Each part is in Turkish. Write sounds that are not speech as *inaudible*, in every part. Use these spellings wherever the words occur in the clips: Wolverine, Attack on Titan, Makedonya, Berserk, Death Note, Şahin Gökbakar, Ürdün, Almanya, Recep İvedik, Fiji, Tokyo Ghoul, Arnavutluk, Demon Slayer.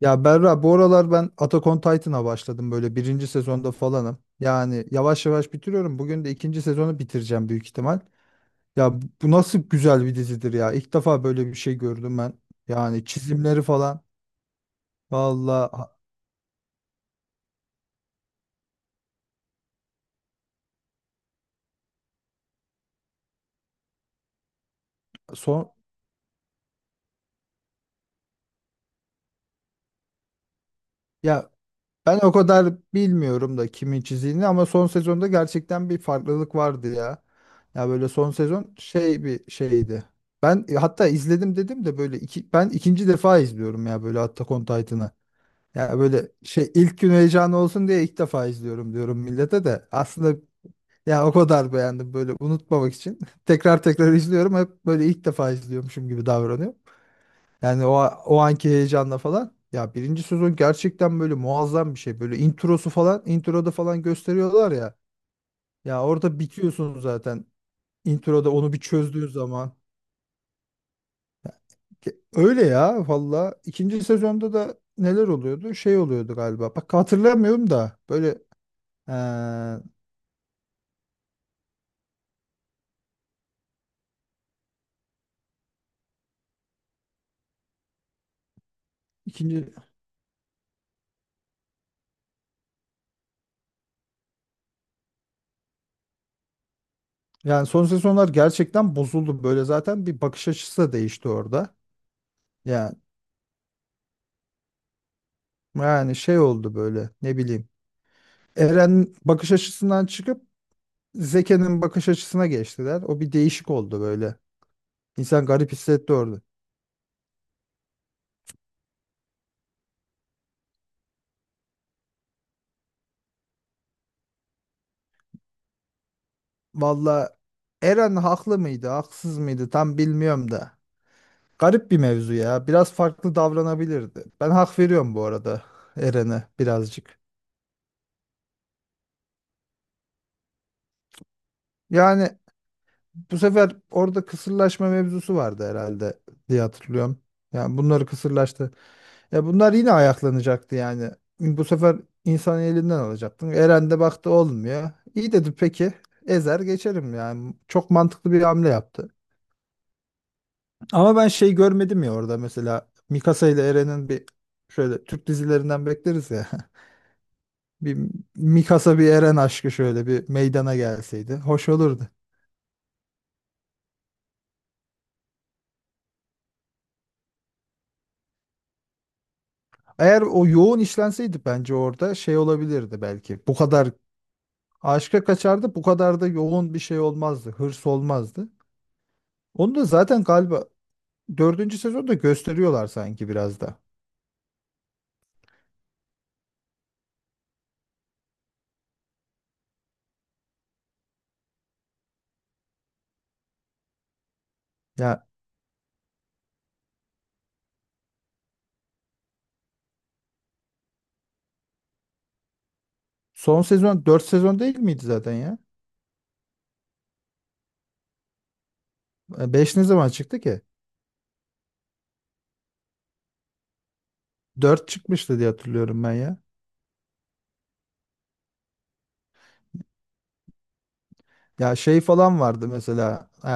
Ya Berra, bu aralar ben Attack on Titan'a başladım, böyle birinci sezonda falanım. Yani yavaş yavaş bitiriyorum. Bugün de ikinci sezonu bitireceğim, büyük ihtimal. Ya bu nasıl güzel bir dizidir ya! İlk defa böyle bir şey gördüm ben. Yani çizimleri falan. Valla son ya ben o kadar bilmiyorum da kimin çizdiğini, ama son sezonda gerçekten bir farklılık vardı ya. Ya, böyle son sezon şey bir şeydi. Ben hatta izledim dedim de, böyle ben ikinci defa izliyorum ya böyle Attack on Titan'ı. Ya, böyle şey, ilk gün heyecanı olsun diye ilk defa izliyorum diyorum millete de. Aslında ya o kadar beğendim böyle, unutmamak için. *laughs* Tekrar tekrar izliyorum, hep böyle ilk defa izliyormuşum gibi davranıyorum. Yani o anki heyecanla falan. Ya birinci sezon gerçekten böyle muazzam bir şey. Böyle introsu falan, introda falan gösteriyorlar ya. Ya orada bitiyorsun zaten. Introda onu bir çözdüğün zaman. Öyle ya valla. İkinci sezonda da neler oluyordu? Şey oluyordu galiba. Bak hatırlamıyorum da böyle. Ee, İkinci yani son sezonlar gerçekten bozuldu, böyle zaten bir bakış açısı da değişti orada. Yani yani şey oldu böyle, ne bileyim. Eren bakış açısından çıkıp Zeke'nin bakış açısına geçtiler. O bir değişik oldu böyle. İnsan garip hissetti orada. Valla Eren haklı mıydı, haksız mıydı tam bilmiyorum da. Garip bir mevzu ya. Biraz farklı davranabilirdi. Ben hak veriyorum bu arada Eren'e, birazcık. Yani bu sefer orada kısırlaşma mevzusu vardı herhalde diye hatırlıyorum. Yani bunları kısırlaştı. Ya bunlar yine ayaklanacaktı yani. Bu sefer insanı elinden alacaktın. Eren de baktı olmuyor. İyi dedi, peki. Ezer geçerim yani. Çok mantıklı bir hamle yaptı. Ama ben şey görmedim ya orada, mesela Mikasa ile Eren'in bir, şöyle Türk dizilerinden bekleriz ya. *laughs* Bir Mikasa, bir Eren aşkı şöyle bir meydana gelseydi, hoş olurdu. Eğer o yoğun işlenseydi bence orada şey olabilirdi belki. Bu kadar aşka kaçardı, bu kadar da yoğun bir şey olmazdı, hırs olmazdı. Onu da zaten galiba dördüncü sezonda gösteriyorlar sanki biraz da. Ya son sezon dört sezon değil miydi zaten ya? Beş ne zaman çıktı ki? Dört çıkmıştı diye hatırlıyorum ben ya. Ya şey falan vardı mesela. e,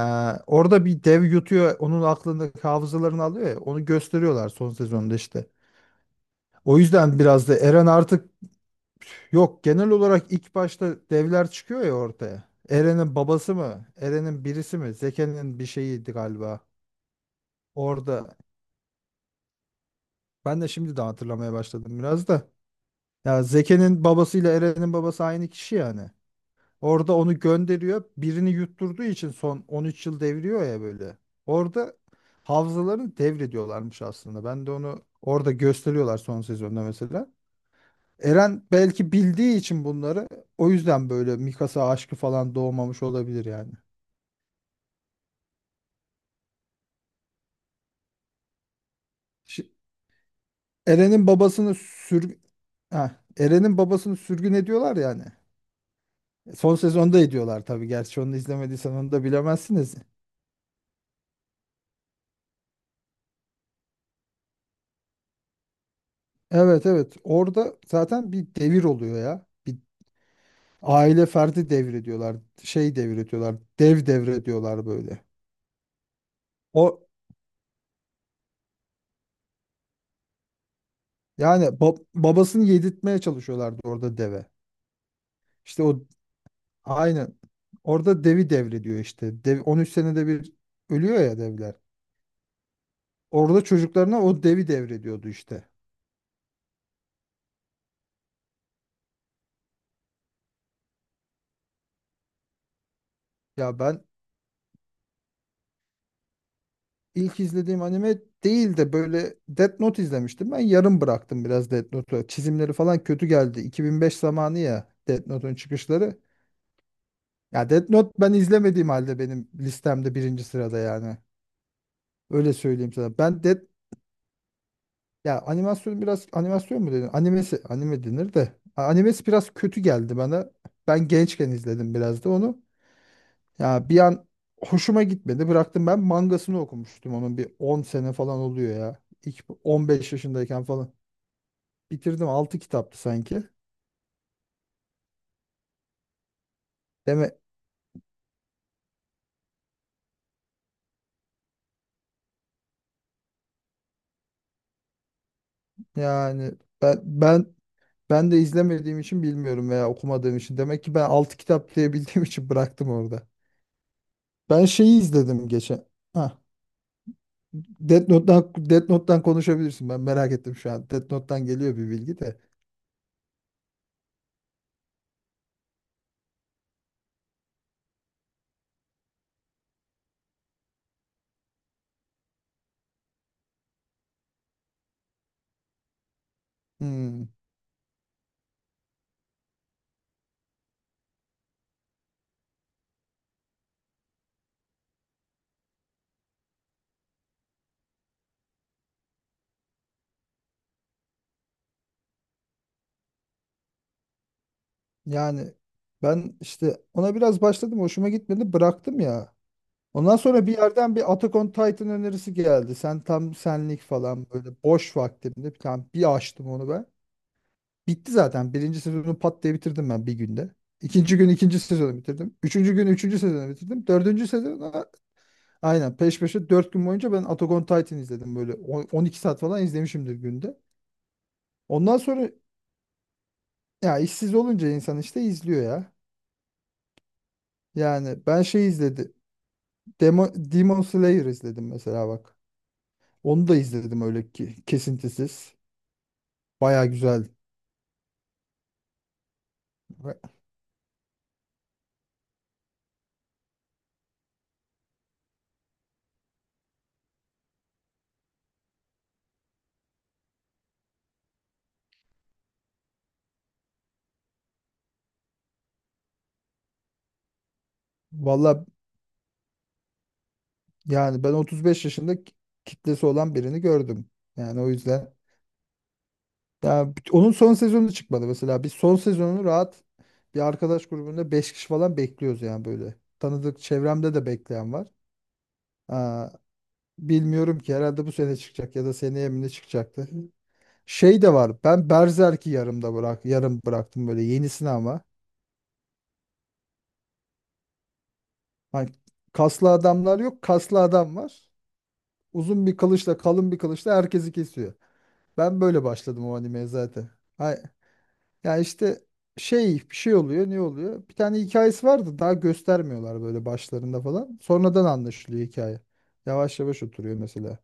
orada bir dev yutuyor, onun aklındaki hafızalarını alıyor ya. Onu gösteriyorlar son sezonda işte. O yüzden biraz da Eren artık. Yok, genel olarak ilk başta devler çıkıyor ya ortaya. Eren'in babası mı? Eren'in birisi mi? Zeke'nin bir şeyiydi galiba. Orada ben de şimdi de hatırlamaya başladım biraz da. Ya Zeke'nin babasıyla Eren'in babası aynı kişi yani. Orada onu gönderiyor. Birini yutturduğu için son 13 yıl devriyor ya böyle. Orada havzalarını devrediyorlarmış aslında. Ben de onu orada gösteriyorlar son sezonda mesela. Eren belki bildiği için bunları, o yüzden böyle Mikasa aşkı falan doğmamış olabilir yani. Şi- Eren'in babasını sür Heh, Eren'in babasını sürgün ediyorlar yani. Son sezonda ediyorlar tabii. Gerçi onu izlemediysen onu da bilemezsiniz. Evet, evet. Orada zaten bir devir oluyor ya. Bir aile ferdi devri diyorlar. Şey devri diyorlar. Dev devri diyorlar böyle. O yani babasını yedirtmeye çalışıyorlardı orada deve. İşte o. Aynen. Orada devi devrediyor işte. Dev, 13 senede bir ölüyor ya devler. Orada çocuklarına o devi devrediyordu işte. Ya ben ilk izlediğim anime değil de böyle Death Note izlemiştim. Ben yarım bıraktım biraz Death Note'u. Çizimleri falan kötü geldi. 2005 zamanı ya Death Note'un çıkışları. Ya Death Note ben izlemediğim halde benim listemde birinci sırada yani. Öyle söyleyeyim sana. Ben Death Ya animasyon, biraz animasyon mu dedin? Animesi, anime denir de. Animesi biraz kötü geldi bana. Ben gençken izledim biraz da onu. Ya bir an hoşuma gitmedi. Bıraktım, ben mangasını okumuştum onun, bir 10 sene falan oluyor ya. İlk 15 yaşındayken falan. Bitirdim. 6 kitaptı sanki. Deme yani. Ben ben de izlemediğim için bilmiyorum veya okumadığım için. Demek ki ben 6 kitap diye bildiğim için bıraktım orada. Ben şeyi izledim geçen. Hah. Death Note'dan konuşabilirsin. Ben merak ettim şu an. Death Note'dan geliyor bir bilgi de. Hmm, Yani ben işte ona biraz başladım. Hoşuma gitmedi. Bıraktım ya. Ondan sonra bir yerden bir Attack on Titan önerisi geldi. Sen tam senlik falan, böyle boş vaktimde bir tane bir açtım onu ben. Bitti zaten. Birinci sezonu pat diye bitirdim ben bir günde. İkinci gün ikinci sezonu bitirdim. Üçüncü gün üçüncü sezonu bitirdim. Dördüncü sezonu, aynen peş peşe 4 gün boyunca ben Attack on Titan izledim böyle. 12 saat falan izlemişimdir günde. Ondan sonra ya, işsiz olunca insan işte izliyor ya. Yani ben şey izledim. Demon Slayer izledim mesela, bak. Onu da izledim öyle ki, kesintisiz. Baya güzel. Valla yani ben 35 yaşında kitlesi olan birini gördüm. Yani o yüzden. Ya onun son sezonu çıkmadı mesela. Biz son sezonunu rahat, bir arkadaş grubunda 5 kişi falan bekliyoruz yani böyle. Tanıdık çevremde de bekleyen var. Aa, bilmiyorum ki, herhalde bu sene çıkacak ya da seneye mi ne çıkacaktı. Şey de var. Ben Berserk'i yarım bıraktım böyle, yenisini ama. Hani kaslı adamlar yok, kaslı adam var. Uzun bir kılıçla, kalın bir kılıçla herkesi kesiyor. Ben böyle başladım o animeye zaten. Ha, ya işte şey, bir şey oluyor, ne oluyor? Bir tane hikayesi vardı. Daha göstermiyorlar böyle başlarında falan. Sonradan anlaşılıyor hikaye. Yavaş yavaş oturuyor mesela.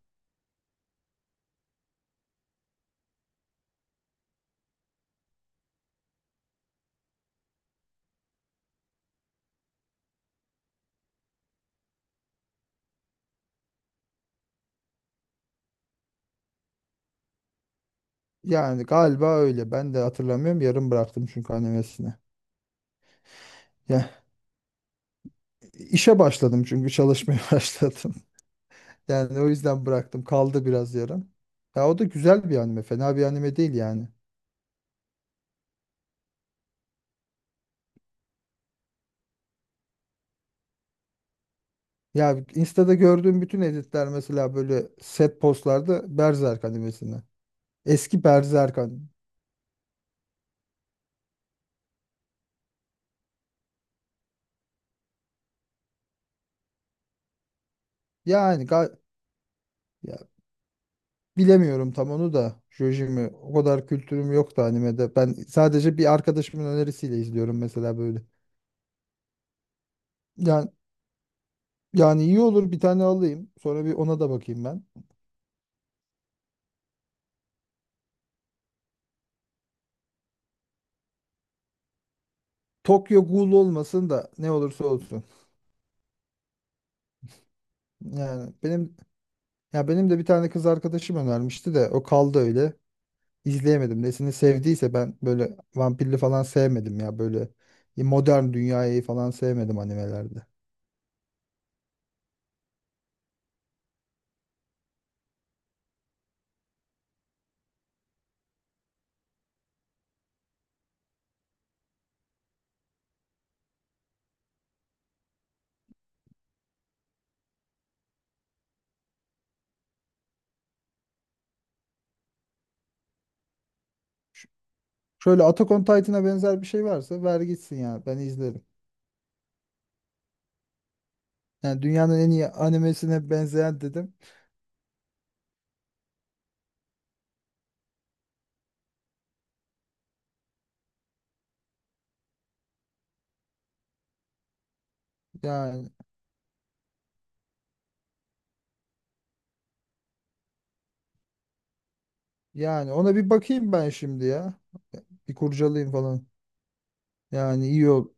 Yani galiba öyle. Ben de hatırlamıyorum. Yarım bıraktım çünkü animesini. Ya işe başladım çünkü, çalışmaya *laughs* başladım. Yani o yüzden bıraktım. Kaldı biraz yarım. Ya o da güzel bir anime. Fena bir anime değil yani. Ya Insta'da gördüğüm bütün editler mesela böyle set postlarda Berserk animesinden. Eski Berserk anime. Yani ga- Ya bilemiyorum tam onu da. Jojimi o kadar kültürüm yoktu animede. Ben sadece bir arkadaşımın önerisiyle izliyorum mesela böyle. Yani yani iyi olur, bir tane alayım. Sonra bir ona da bakayım ben. Tokyo Ghoul olmasın da ne olursa olsun. Yani benim Ya benim de bir tane kız arkadaşım önermişti de o kaldı öyle. İzleyemedim. Nesini sevdiyse, ben böyle vampirli falan sevmedim ya, böyle modern dünyayı falan sevmedim animelerde. Şöyle Attack on Titan'a benzer bir şey varsa ver gitsin ya, ben izlerim. Yani dünyanın en iyi animesine benzeyen dedim. Yani yani ona bir bakayım ben şimdi ya. Bir kurcalayayım falan. Yani iyi ol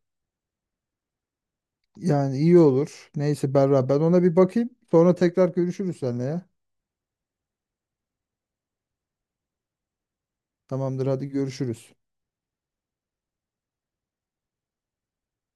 yani iyi olur. Neyse Berra, ben ona bir bakayım. Sonra tekrar görüşürüz seninle ya. Tamamdır, hadi görüşürüz.